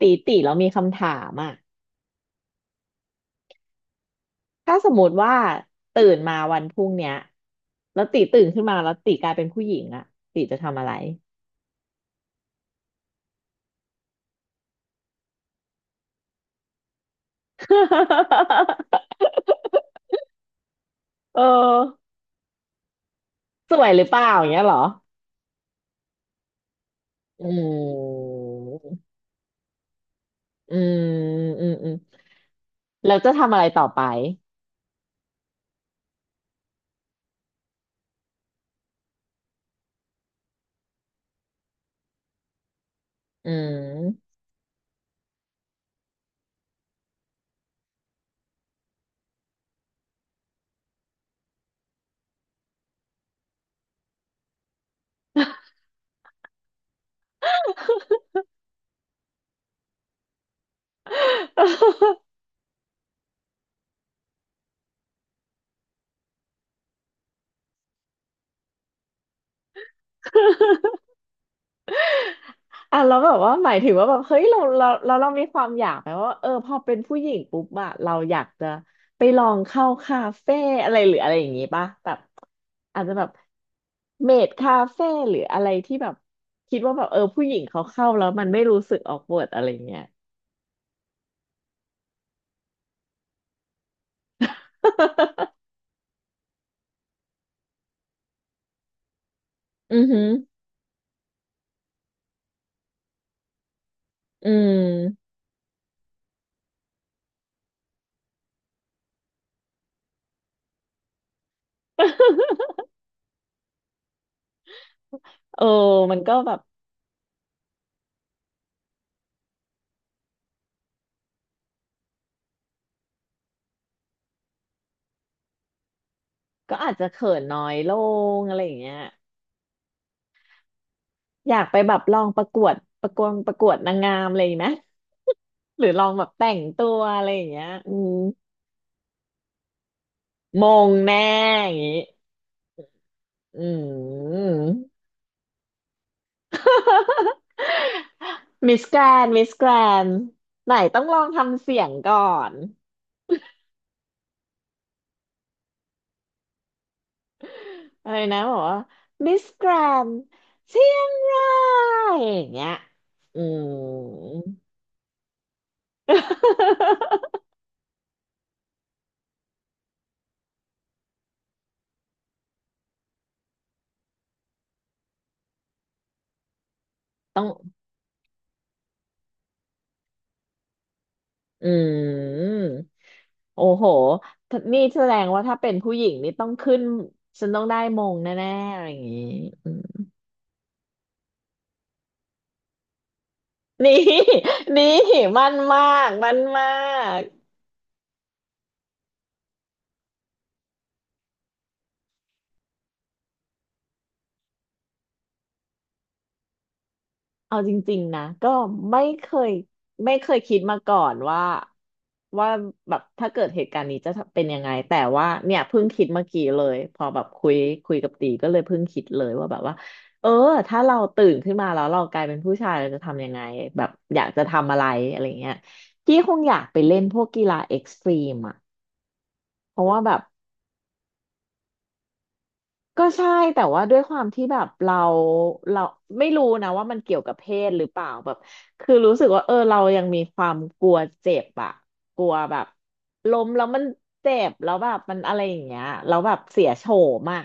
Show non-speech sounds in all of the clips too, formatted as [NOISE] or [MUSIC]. ตีแล้วมีคำถามอ่ะถ้าสมมติว่าตื่นมาวันพรุ่งเนี้ย แล้วตีตื่นขึ้นมาแล้วตีกลายเป็นผู้หญิงอ่ะตีจะทำอะไร [LAUGHS] เออสวยหรือเปล่าอย่างเงี้ยเหรอ อืมอืมอืมแล้วจะทำอะไรต่อไปอืม [LAUGHS] อ่ะเราแล้วแบบว่าหมายถึงว่าแบบเฮ้ยเรามีความอยากไหมว่าเออพอเป็นผู้หญิงปุ๊บอะเราอยากจะไปลองเข้าคาเฟ่อะไรหรืออะไรอย่างงี้ป่ะแบบอาจจะแบบเมดคาเฟ่หรืออะไรที่แบบคิดว่าแบบเออผู้หญิงเขาเข้าแล้วมันไม่รู้สึกออกเวิร์ดอะไรเงี้ย [LAUGHS] อือหืออืม [LAUGHS] เออมันก็แบบก็อาจจะเขินน้อยลงอะไรอย่างเงี้ย อยากไปแบบลองประกวดประกวดนางงามอะไรอย่างนี้ไหม [LAUGHS] หรือลองแบบแต่งตัวอะไรอย่างเงี้ยอืมมงแน่อย่างงี้อืม [LAUGHS] มิสแกรนไหนต้องลองทำเสียงก่อนอะไรนะบอกว่ามิสแกรนเชียงรายอย่างเงี้ยอืม [LAUGHS] ต้อง อืมโอ้โหนี่แสดงว่าถ้าเป็นผู้หญิงนี่ต้องขึ้นฉันต้องได้มงแน่ๆอะไรอย่างนี้อืม [LAUGHS] นี่นี่มันมากมันมาก เอาจริงๆนะก็ไม่เคยคิดมาก่อนว่าแบบถ้าเกิดเหตุการณ์นี้จะเป็นยังไงแต่ว่าเนี่ยเพิ่งคิดเมื่อกี้เลยพอแบบคุยกับตีก็เลยเพิ่งคิดเลยว่าแบบว่าเออถ้าเราตื่นขึ้นมาแล้วเรากลายเป็นผู้ชายเราจะทำยังไงแบบอยากจะทำอะไรอะไรเงี้ยพี่คงอยากไปเล่นพวกกีฬาเอ็กซ์ตรีมอ่ะเพราะว่าแบบ ก็ใช่แต่ว่าด้วยความที่แบบเราไม่รู้นะว่ามันเกี่ยวกับเพศหรือเปล่าแบบคือรู้สึกว่าเออเรายังมีความกลัวเจ็บอะกลัวแบบล้มแล้วมันเจ็บแล้วแบบมันอะไรอย่างเงี้ยแล้วแบบเสียโฉมอะ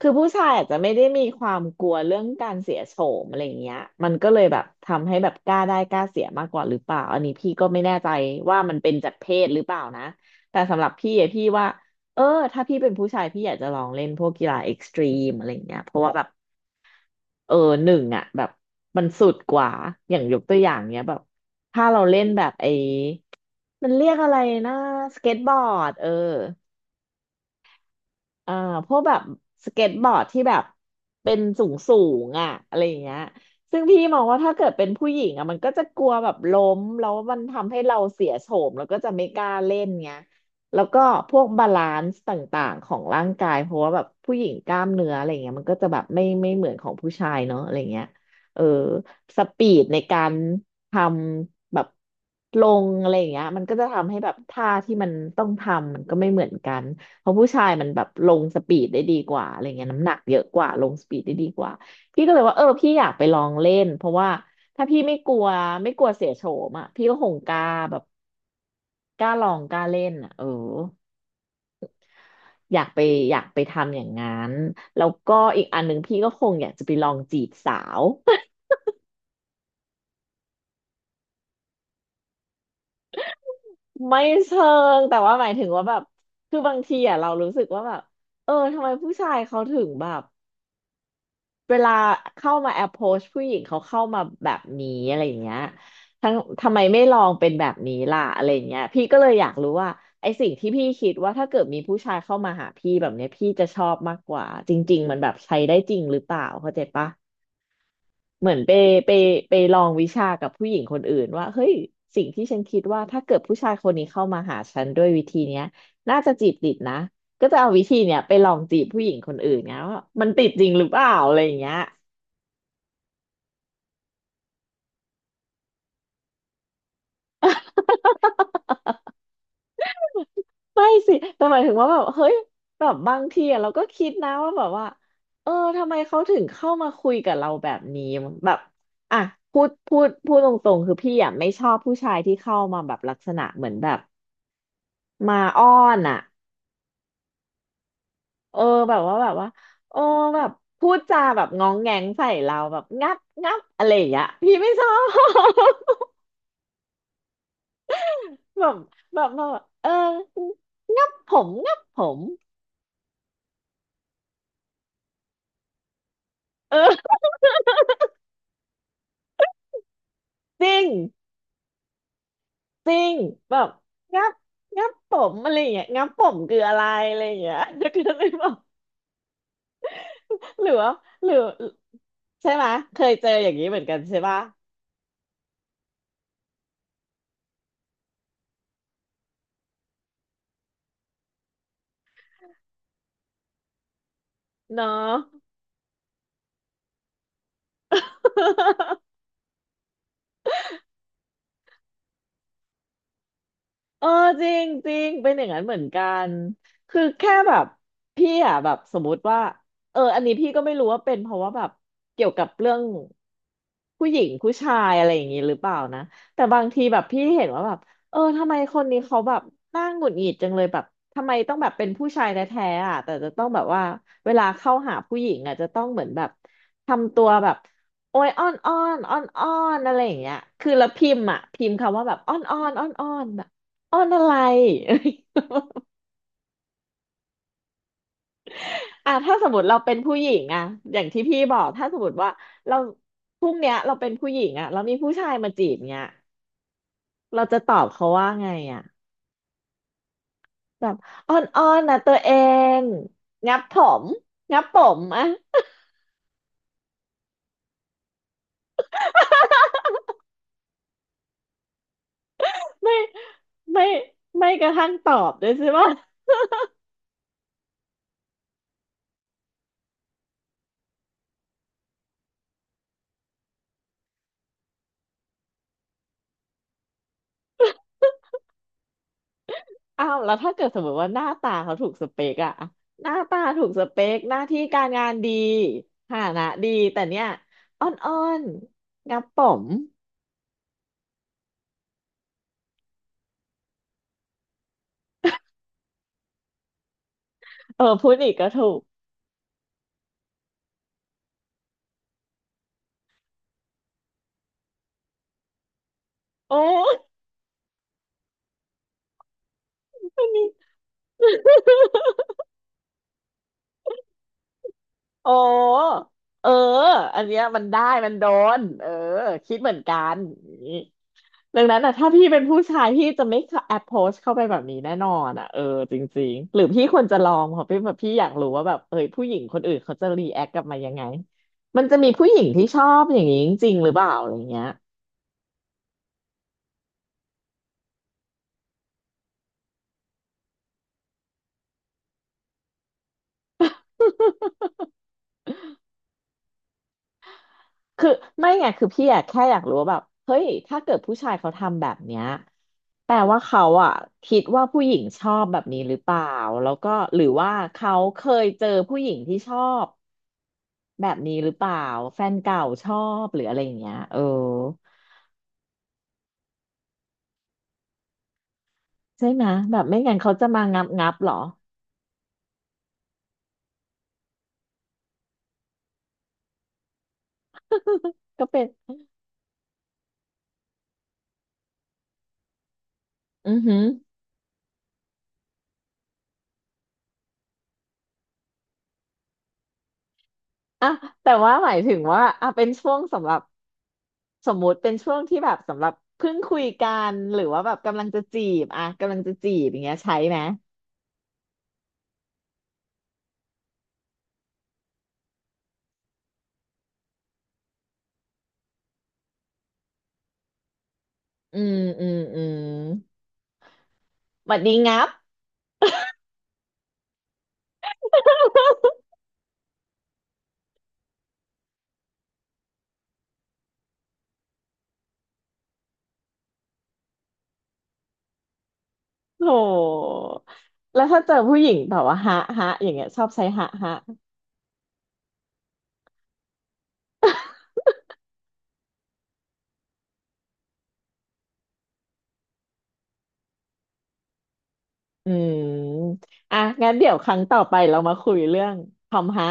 คือผู้ชายอาจจะไม่ได้มีความกลัวเรื่องการเสียโฉมอะไรอย่างเงี้ยมันก็เลยแบบทำให้แบบกล้าได้กล้าเสียมากกว่าหรือเปล่าอันนี้พี่ก็ไม่แน่ใจว่ามันเป็นจากเพศหรือเปล่านะแต่สำหรับพี่อะพี่ว่า เออถ้าพี่เป็นผู้ชายพี่อยากจะลองเล่นพวกกีฬาเอ็กซ์ตรีมอะไรอย่างเงี้ยเพราะว่าแบบเออหนึ่งอ่ะแบบมันสุดกว่าอย่างยกตัวอย่างเนี้ยแบบถ้าเราเล่นแบบไอ้มันเรียกอะไรนะสเก็ตบอร์ดเออ อ่าพวกแบบสเก็ตบอร์ดที่แบบเป็นสูงสูงอ่ะอะไรอย่างเงี้ยซึ่งพี่มองว่าถ้าเกิดเป็นผู้หญิงอ่ะมันก็จะกลัวแบบล้มแล้วมันทำให้เราเสียโฉมแล้วก็จะไม่กล้าเล่นเงี้ยแล้วก็พวกบาลานซ์ต่างๆของร่างกายเพราะว่าแบบผู้หญิงกล้ามเนื้ออะไรเงี้ยมันก็จะแบบไม่เหมือนของผู้ชายเนาะอะไรเงี้ยเออสปีดในการทำแบบลงอะไรอย่างเงี้ยมันก็จะทำให้แบบท่าที่มันต้องทำมันก็ไม่เหมือนกัน เพราะผู้ชายมันแบบลงสปีดได้ดีกว่าอะไรเงี้ยน้ำหนักเยอะกว่าลงสปีดได้ดีกว่าพี่ก็เลยว่าเออพี่อยากไปลองเล่นเพราะว่าถ้าพี่ไม่กลัวเสียโฉมอ่ะพี่ก็คงกล้าแบบกล้าลองกล้าเล่นอ่ะเอออยากไปอยากไปทำอย่างนั้นแล้วก็อีกอันหนึ่งพี่ก็คงอยากจะไปลองจีบสาว [LAUGHS] ไม่เชิงแต่ว่าหมายถึงว่าแบบคือบางทีอ่ะเรารู้สึกว่าแบบเออทำไมผู้ชายเขาถึงแบบ เวลาเข้ามาแอปโพสผู้หญิงเขาเข้ามาแบบนี้อะไรอย่างเงี้ยทั้งทำไมไม่ลองเป็นแบบนี้ล่ะอะไรอย่างเงี้ยพี่ก็เลยอยากรู้ว่าไอสิ่งที่พี่คิดว่าถ้าเกิดมีผู้ชายเข้ามาหาพี่แบบเนี้ยพี่จะชอบมากกว่าจริงๆมันแบบใช้ได้จริงหรือเปล่าเข้าใจปะเหมือนไปไปลองวิชากับผู้หญิงคนอื่นว่าเฮ้ยสิ่งที่ฉันคิดว่าถ้าเกิดผู้ชายคนนี้เข้ามาหาฉันด้วยวิธีเนี้ยน่าจะจีบติดนะก็จะเอาวิธีเนี้ยไปลองจีบผู้หญิงคนอื่นเนี้ยว่ามันติดจริงหรือเปล่าอะไรอย่างเงี้ย ไม่สิแต่หมายถึงว่าแบบเฮ้ยแบบบางทีอะเราก็คิดนะว่าแบบว่าเออทำไมเขาถึงเข้ามาคุยกับเราแบบนี้แบบอ่ะพูดตรงๆคือพี่อะไม่ชอบผู้ชายที่เข้ามาแบบลักษณะเหมือนแบบมาอ้อนอ่ะเออแบบว่าโอ้แบบพูดจาแบบง้องแงงใส่เราแบบงับงับอะไรอย่างเงี้ยพี่ไม่ชอบ [LAUGHS] แบบแบบมาแบบเอองับผมงับผมเออจริง จริงแบบงับงับผมอะไรอย่างเงี้ยงับผมคืออะไรอะไรอย่างเงี้ยจะคือเลยบอกหรือว่าหรือใช่ไหมยเคยเจออย่างนี้เหมือนกันใช่ปะเนาะ เออจริงจริงเป็นอย่างนั้นเหมือนกันคือแค่แบบพี่อ่ะแบบสมมติว่าเอออันนี้พี่ก็ไม่รู้ว่าเป็นเพราะว่าแบบเกี่ยวกับเรื่องผู้หญิงผู้ชายอะไรอย่างนี้หรือเปล่านะแต่บางทีแบบพี่เห็นว่าแบบเออทำไมคนนี้เขาแบบน่าหงุดหงิดจังเลยแบบทำไมต้องแบบเป็นผู้ชายแท้ๆอ่ะแต่จะต้องแบบว่าเวลาเข้าหาผู้หญิงอ่ะจะต้องเหมือนแบบทำตัวแบบโอ้ยอ้อนอ้อนอ้อนอ้อนอะไรอย่างเงี้ยคือแล้วพิมพ์อ่ะพิมพ์คำว่าแบบอ้อนอ้อนอ้อนอ้อน อ้อนอะไร [LAUGHS] อ่ะถ้าสมมติเราเป็นผู้หญิงอ่ะอย่างที่พี่บอกถ้าสมมติว่าเราพรุ่งเนี้ยเราเป็นผู้หญิงอ่ะแล้วมีผู้ชายมาจีบเนี้ยเราจะตอบเขาว่าไงอ่ะแบบอ้อนอ้อนนะตัวเองงับผมงับผมอ่ะ [LAUGHS] ไม่ไม่ไม่กระทั่งตอบด้วยใช่ปะอ้าวแล้วถ้าเกิดสมมติว่าหน้าตาเขาถูกสเปกอ่ะหน้าตาถูกสเปกหน้าที่การงานดีฐานะดีแต่เนี้ยอ้อนอ้อนงับผม เออพูดอีกก็ถูกโอ้อันนี้ [LAUGHS] โอ้เอออันเนี้ยมันได้มันโดนเออคิดเหมือนกันอย่างนี้ดังนั้นอ่ะถ้าพี่เป็นผู้ชายพี่จะไม่แอปโพสเข้าไปแบบนี้แน่นอนอ่ะเออจริงๆหรือพี่ควรจะลองเพราะพี่แบบพี่อยากรู้ว่าแบบเออผู้หญิงคนอื่นเขาจะรีแอคกลับมายังไงมันจะมีผู้หญิงที่ชอบอย่างนี้จริงๆหรือเปล่าอะไรเงี้ย คือไม่ไงคือพี่อะแค่อยากรู้ว่าแบบเฮ้ยถ้าเกิดผู้ชายเขาทำแบบเนี้ยแปลว่าเขาอะคิดว่าผู้หญิงชอบแบบนี้หรือเปล่าแล้วก็หรือว่าเขาเคยเจอผู้หญิงที่ชอบแบบนี้หรือเปล่าแฟนเก่าชอบหรืออะไรอย่างเงี้ยเออใช่ไหมแบบไม่งั้นเขาจะมางับงับหรอ [LAUGHS] ก็เป็นอือหืออ่ะแต่ว่าหมายถึงว่าอ่ะเป็นช่วงสำหรับ สมมุติเป็นช่วงที่แบบสำหรับเพิ่งคุยกันหรือว่าแบบกำลังจะจีบอย่างเงี้ยใช้ไหมอืมอืมอืมบัดดีงับ [LAUGHS] โหแล้วถ้าเจอผู้หญิงแบบว่าฮะฮะอย่างเงี้ยชอบใช้ฮะฮะอืมอ่ะงั้นเดี๋ยวครั้งต่อไปเรามาคุยเรื่องคำฮะ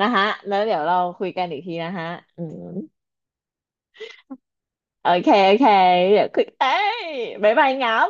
นะฮะแล้วเดี๋ยวเราคุยกันอีกทีนะฮะอืมโอเคโอเคเดี๋ยวคุยเอ้ยบ๊ายบายงับ